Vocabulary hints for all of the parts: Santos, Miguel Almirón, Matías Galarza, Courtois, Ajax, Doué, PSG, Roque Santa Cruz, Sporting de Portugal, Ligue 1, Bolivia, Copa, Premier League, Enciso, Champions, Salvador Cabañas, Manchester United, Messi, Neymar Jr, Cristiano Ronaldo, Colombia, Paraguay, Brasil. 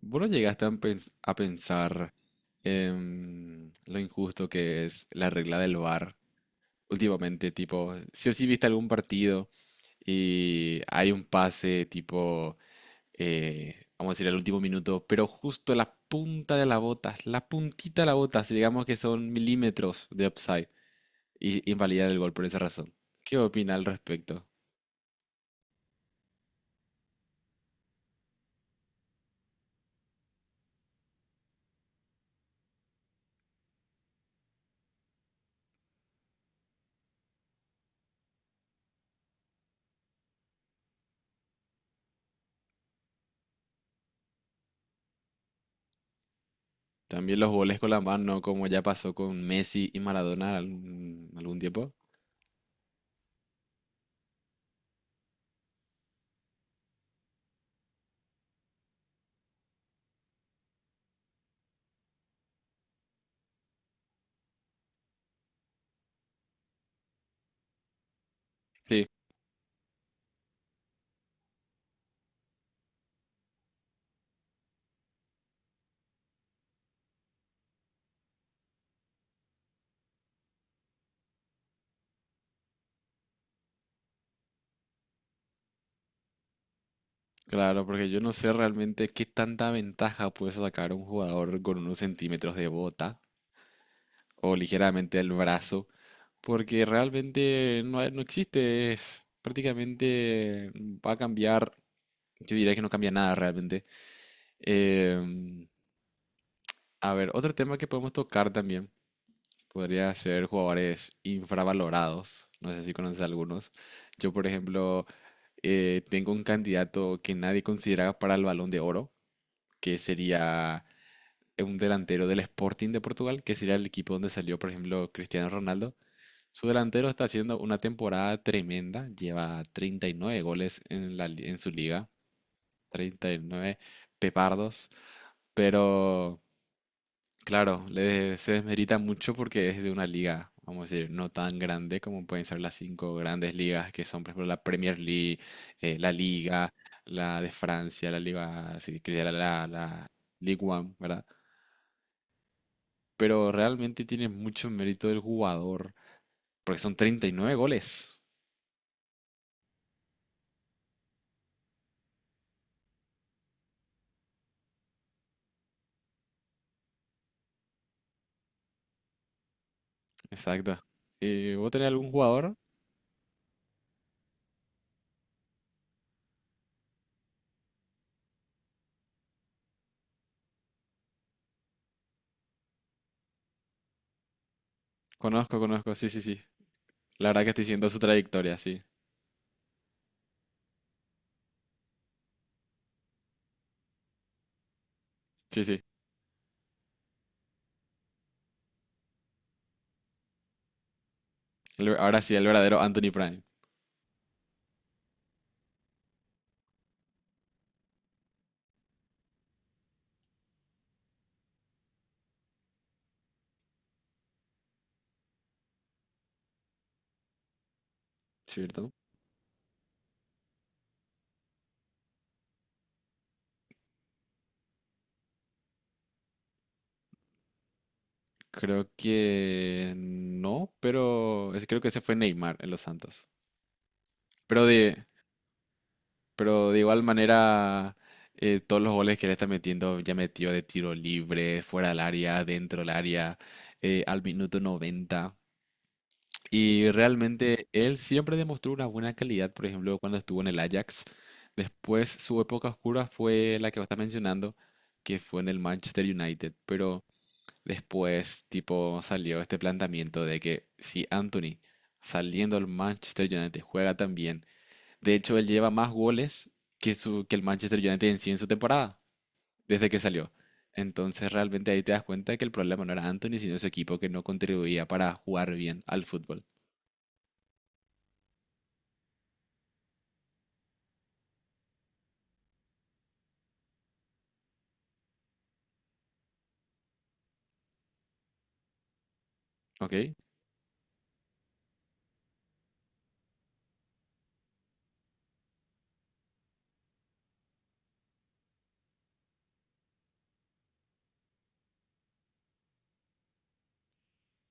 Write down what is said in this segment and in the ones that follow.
¿Vos no llegaste a pensar en lo injusto que es la regla del VAR últimamente? Tipo, si o si viste algún partido y hay un pase tipo, vamos a decir, al último minuto, pero justo la punta de la bota, la puntita de la bota, si digamos que son milímetros de upside, y invalidar el gol por esa razón. ¿Qué opina al respecto? También los goles con la mano, como ya pasó con Messi y Maradona algún tiempo. Sí. Claro, porque yo no sé realmente qué tanta ventaja puede sacar un jugador con unos centímetros de bota o ligeramente el brazo, porque realmente no, no existe, es prácticamente va a cambiar, yo diría que no cambia nada realmente. Em, a ver, otro tema que podemos tocar también podría ser jugadores infravalorados, no sé si conoces algunos. Yo, por ejemplo, tengo un candidato que nadie considera para el Balón de Oro, que sería... un delantero del Sporting de Portugal, que sería el equipo donde salió, por ejemplo, Cristiano Ronaldo. Su delantero está haciendo una temporada tremenda, lleva 39 goles en en su liga, 39 pepardos, pero claro, le, se desmerita mucho porque es de una liga, vamos a decir, no tan grande como pueden ser las cinco grandes ligas que son, por ejemplo, la Premier League, la Liga, la de Francia, la Liga, si quería la Ligue 1, ¿verdad? Pero realmente tiene mucho mérito del jugador, porque son 39 goles. Exacto. ¿Vos tenés algún jugador? Conozco, conozco, sí, sí, sí. La verdad que estoy siguiendo su trayectoria, sí. Sí, sí. El ahora sí, el verdadero Anthony Prime, ¿cierto? Creo que no, pero creo que ese fue Neymar en los Santos. Pero de, pero de igual manera, todos los goles que le está metiendo, ya metió de tiro libre, fuera del área, dentro del área, al minuto 90. Y realmente él siempre demostró una buena calidad, por ejemplo, cuando estuvo en el Ajax. Después su época oscura fue la que vos estás mencionando, que fue en el Manchester United. Pero después, tipo, salió este planteamiento de que si Anthony, saliendo al Manchester United, juega tan bien, de hecho él lleva más goles que, su, que el Manchester United en sí en su temporada, desde que salió. Entonces realmente ahí te das cuenta que el problema no era Anthony, sino su equipo que no contribuía para jugar bien al fútbol. ¿Ok?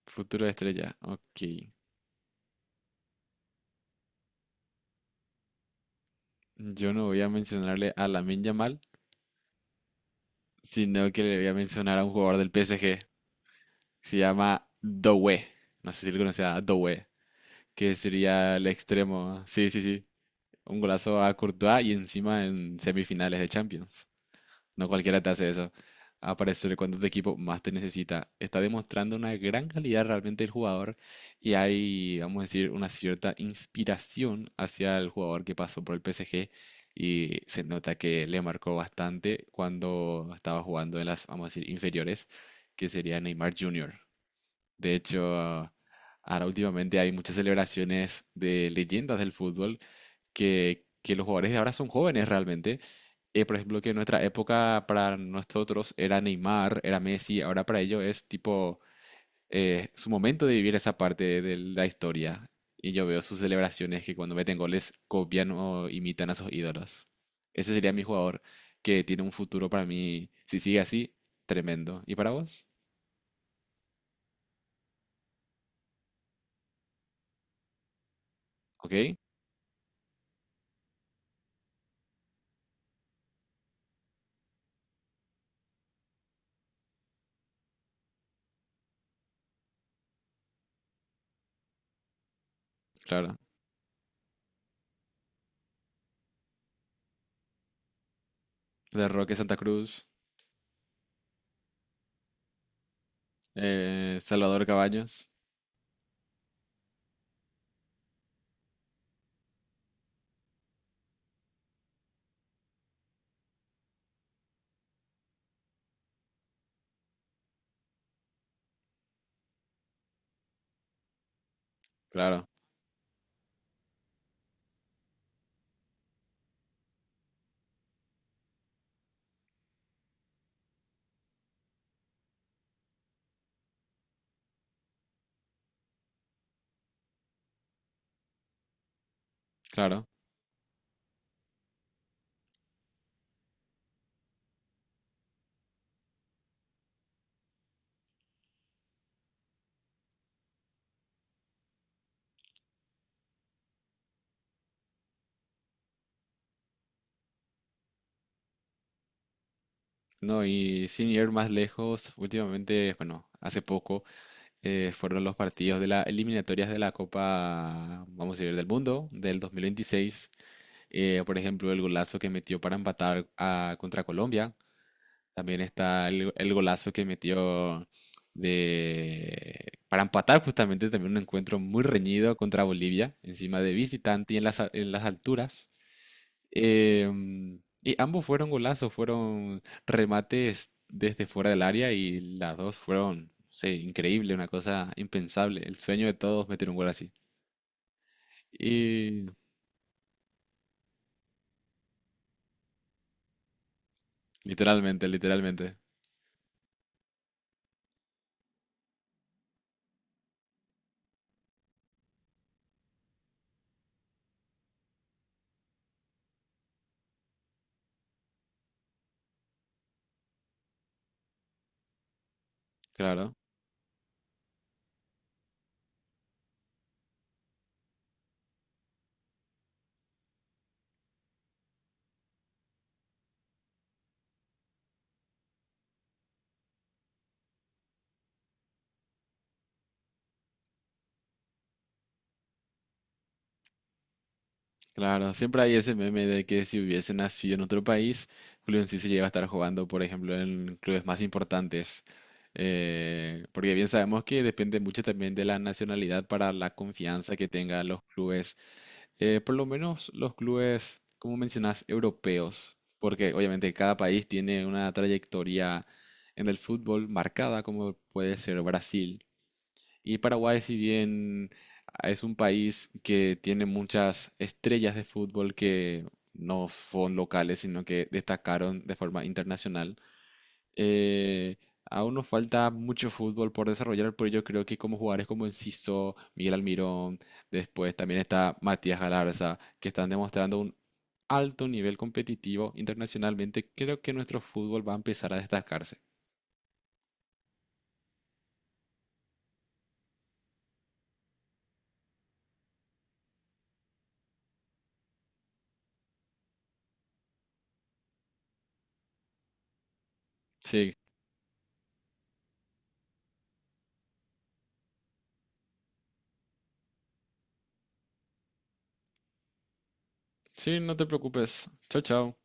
Futuro de estrella. Ok. Yo no voy a mencionarle a Lamine Yamal, sino que le voy a mencionar a un jugador del PSG. Se llama Doué. No sé si le conoce a Doué, que sería el extremo. Sí, sí, sí. Un golazo a Courtois y encima en semifinales de Champions. No cualquiera te hace eso. Aparecer cuando tu equipo más te necesita. Está demostrando una gran calidad realmente el jugador y hay, vamos a decir, una cierta inspiración hacia el jugador que pasó por el PSG y se nota que le marcó bastante cuando estaba jugando en las, vamos a decir, inferiores, que sería Neymar Jr. De hecho, ah, ahora últimamente hay muchas celebraciones de leyendas del fútbol que los jugadores de ahora son jóvenes realmente. Por ejemplo, que en nuestra época para nosotros era Neymar, era Messi, ahora para ellos es tipo su momento de vivir esa parte de la historia. Y yo veo sus celebraciones que cuando meten goles copian o imitan a sus ídolos. Ese sería mi jugador que tiene un futuro para mí, si sigue así, tremendo. ¿Y para vos? ¿Ok? Claro. De Roque Santa Cruz, Salvador Cabañas, claro, claro. No, y sin ir más lejos, últimamente, bueno, hace poco fueron los partidos de las eliminatorias de la Copa, vamos a decir, del mundo del 2026. Por ejemplo, el golazo que metió para empatar contra Colombia. También está el golazo que metió de, para empatar justamente también un encuentro muy reñido contra Bolivia, encima de visitante y en las, en las alturas. Y ambos fueron golazos, fueron remates desde fuera del área y las dos fueron, no sé, increíble, una cosa impensable. El sueño de todos meter un gol así. Y literalmente, literalmente. Claro, claro. Siempre hay ese meme de que si hubiese nacido en otro país, Julio sí se lleva a estar jugando, por ejemplo, en clubes más importantes. Porque bien sabemos que depende mucho también de la nacionalidad para la confianza que tengan los clubes. Por lo menos los clubes, como mencionas, europeos, porque obviamente cada país tiene una trayectoria en el fútbol marcada, como puede ser Brasil. Y Paraguay, si bien es un país que tiene muchas estrellas de fútbol que no son locales, sino que destacaron de forma internacional, eh, aún nos falta mucho fútbol por desarrollar, pero yo creo que como jugadores como Enciso, Miguel Almirón, después también está Matías Galarza, que están demostrando un alto nivel competitivo internacionalmente, creo que nuestro fútbol va a empezar a destacarse. Sí, sí, no te preocupes. Chao, chao.